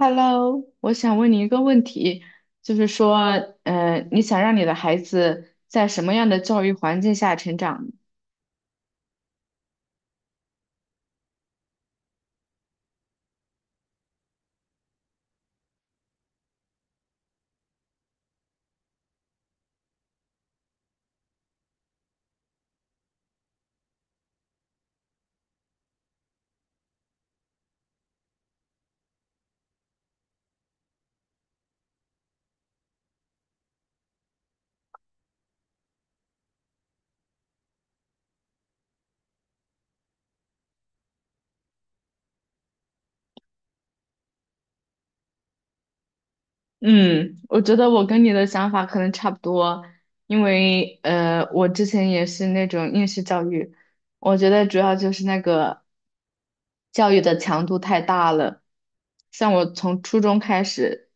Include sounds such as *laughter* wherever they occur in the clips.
Hello，我想问你一个问题，就是说，你想让你的孩子在什么样的教育环境下成长呢？嗯，我觉得我跟你的想法可能差不多。因为我之前也是那种应试教育，我觉得主要就是那个教育的强度太大了。像我从初中开始，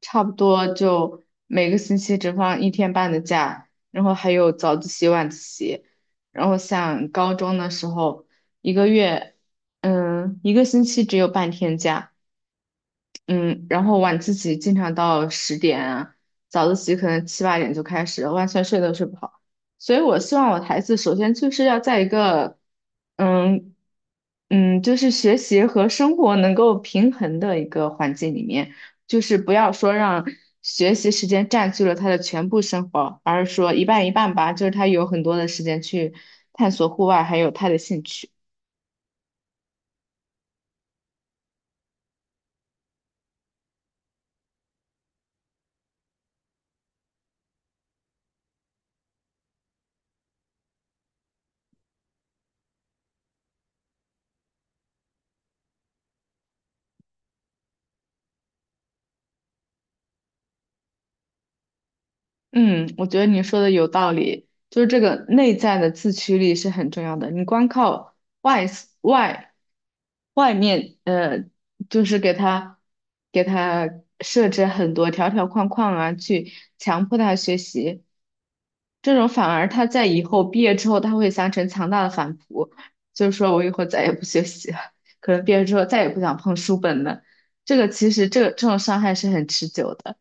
差不多就每个星期只放1天半的假，然后还有早自习、晚自习。然后像高中的时候，一个月，嗯，一个星期只有半天假。嗯，然后晚自习经常到10点啊，早自习可能7、8点就开始了，完全睡都睡不好。所以我希望我的孩子首先就是要在一个，嗯就是学习和生活能够平衡的一个环境里面，就是不要说让学习时间占据了他的全部生活，而是说一半一半吧，就是他有很多的时间去探索户外，还有他的兴趣。嗯，我觉得你说的有道理，就是这个内在的自驱力是很重要的。你光靠外 s- 外外面，就是给他设置很多条条框框啊，去强迫他学习，这种反而他在以后毕业之后，他会形成强大的反扑，就是说我以后再也不学习了，可能毕业之后再也不想碰书本了。这个其实这种伤害是很持久的。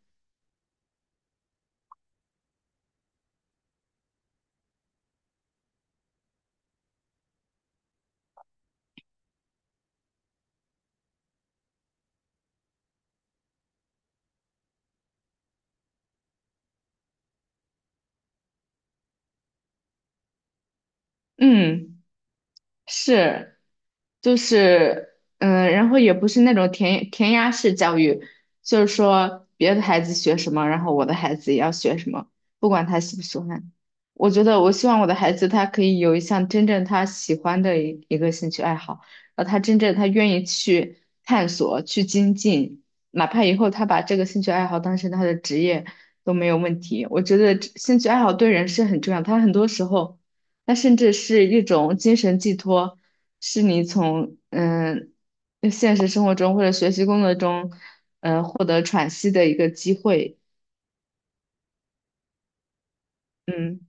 嗯。是，就是，嗯，然后也不是那种填鸭式教育，就是说别的孩子学什么，然后我的孩子也要学什么，不管他喜不喜欢。我觉得我希望我的孩子他可以有一项真正他喜欢的一个兴趣爱好，然后他真正他愿意去探索、去精进，哪怕以后他把这个兴趣爱好当成他的职业都没有问题。我觉得这兴趣爱好对人是很重要，他很多时候。它甚至是一种精神寄托，是你从现实生活中或者学习工作中，获得喘息的一个机会。嗯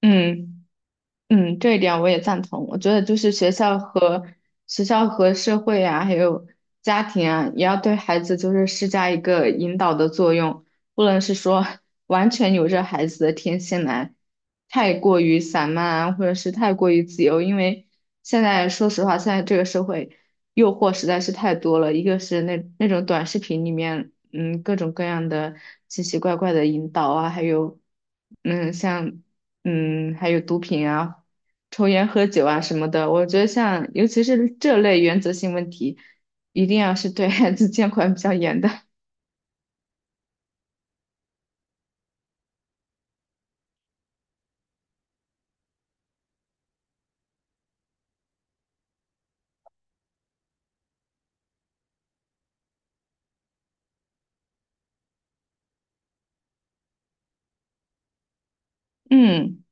嗯。嗯，这一点我也赞同。我觉得就是学校和社会啊，还有家庭啊，也要对孩子就是施加一个引导的作用，不能是说完全由着孩子的天性来，太过于散漫啊，或者是太过于自由。因为现在说实话，现在这个社会诱惑实在是太多了，一个是那种短视频里面，嗯，各种各样的奇奇怪怪的引导啊，还有。嗯，像还有毒品啊、抽烟、喝酒啊什么的，我觉得像尤其是这类原则性问题，一定要是对孩子监管比较严的。嗯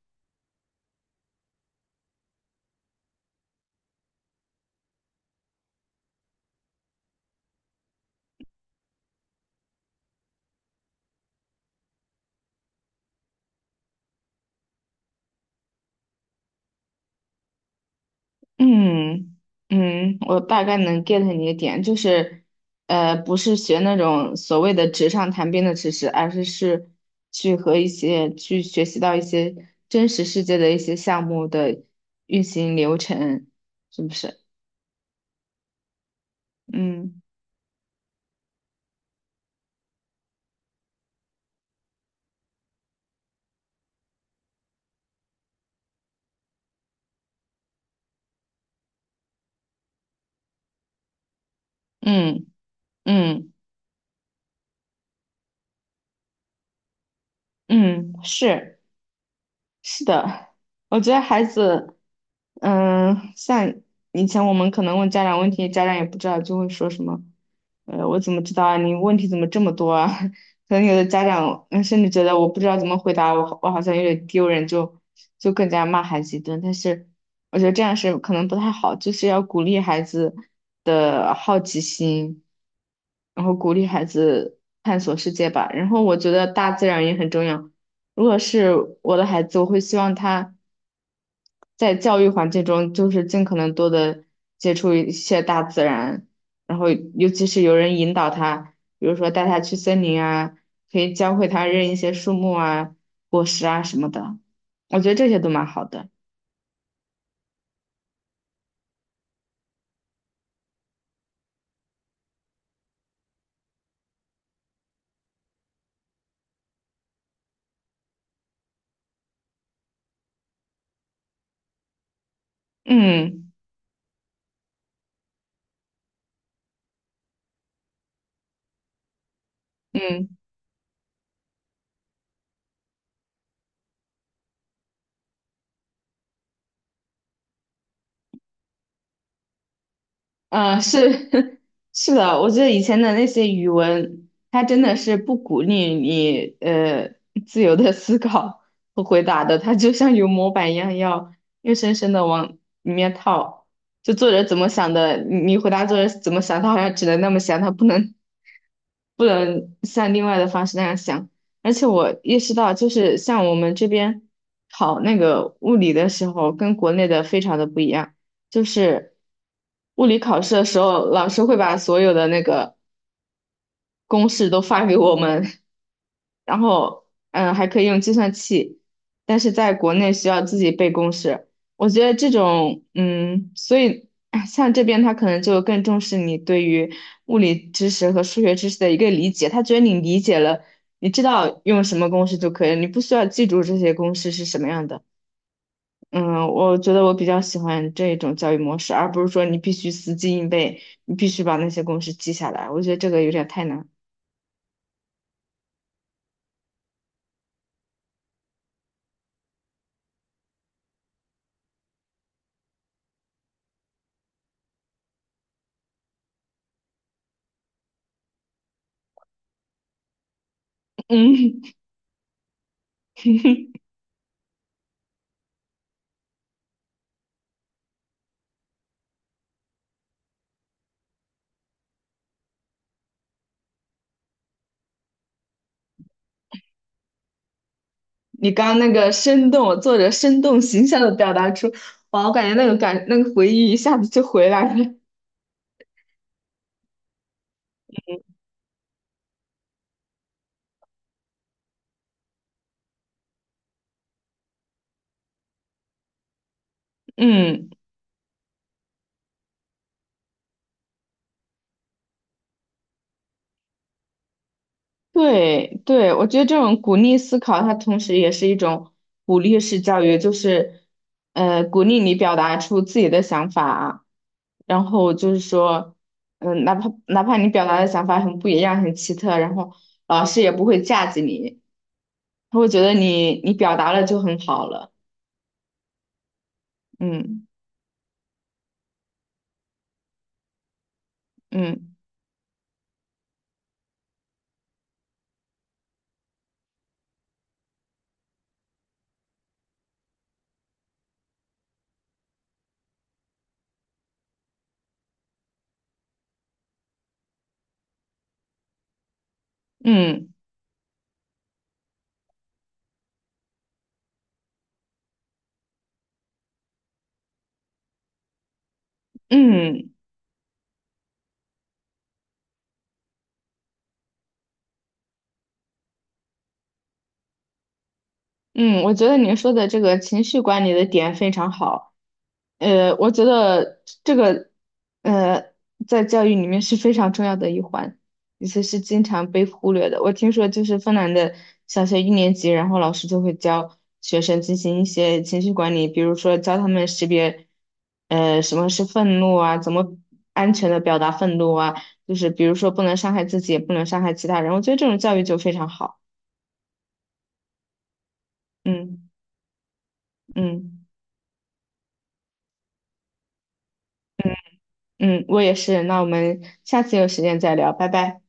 嗯嗯，我大概能 get 你的点，就是不是学那种所谓的纸上谈兵的知识，而是去和一些去学习到一些真实世界的一些项目的运行流程，是不是？嗯嗯嗯嗯，是。是的，我觉得孩子，嗯，像以前我们可能问家长问题，家长也不知道，就会说什么，我怎么知道啊？你问题怎么这么多啊？*laughs* 可能有的家长，嗯，甚至觉得我不知道怎么回答，我好像有点丢人，就更加骂孩子一顿。但是我觉得这样是可能不太好，就是要鼓励孩子的好奇心，然后鼓励孩子探索世界吧。然后我觉得大自然也很重要。如果是我的孩子，我会希望他在教育环境中，就是尽可能多的接触一些大自然，然后尤其是有人引导他，比如说带他去森林啊，可以教会他认一些树木啊、果实啊什么的，我觉得这些都蛮好的。嗯嗯。嗯，是 *laughs* 是的，我觉得以前的那些语文，它真的是不鼓励你自由的思考和回答的，它就像有模板一样，要硬生生的往里面套。就作者怎么想的，你回答作者怎么想，他好像只能那么想，他不能像另外的方式那样想。而且我意识到，就是像我们这边考那个物理的时候，跟国内的非常的不一样。就是物理考试的时候，老师会把所有的那个公式都发给我们，然后嗯，还可以用计算器，但是在国内需要自己背公式。我觉得这种嗯，所以哎像这边他可能就更重视你对于物理知识和数学知识的一个理解，他觉得你理解了，你知道用什么公式就可以了，你不需要记住这些公式是什么样的。嗯，我觉得我比较喜欢这种教育模式，而不是说你必须死记硬背，你必须把那些公式记下来。我觉得这个有点太难。嗯，*laughs* 你刚刚那个生动，作者生动形象的表达出，哇，我感觉那个感，那个回忆一下子就回来了。嗯。对对，我觉得这种鼓励思考，它同时也是一种鼓励式教育，就是，鼓励你表达出自己的想法，然后就是说，嗯，哪怕你表达的想法很不一样、很奇特，然后老师也不会架子你，他会觉得你表达了就很好了。嗯嗯嗯嗯嗯，我觉得你说的这个情绪管理的点非常好。我觉得这个，呃，在教育里面是非常重要的一环，而且是经常被忽略的。我听说，就是芬兰的小学1年级，然后老师就会教学生进行一些情绪管理，比如说教他们识别，什么是愤怒啊，怎么安全的表达愤怒啊，就是比如说不能伤害自己，也不能伤害其他人。我觉得这种教育就非常好。嗯嗯嗯，我也是。那我们下次有时间再聊，拜拜。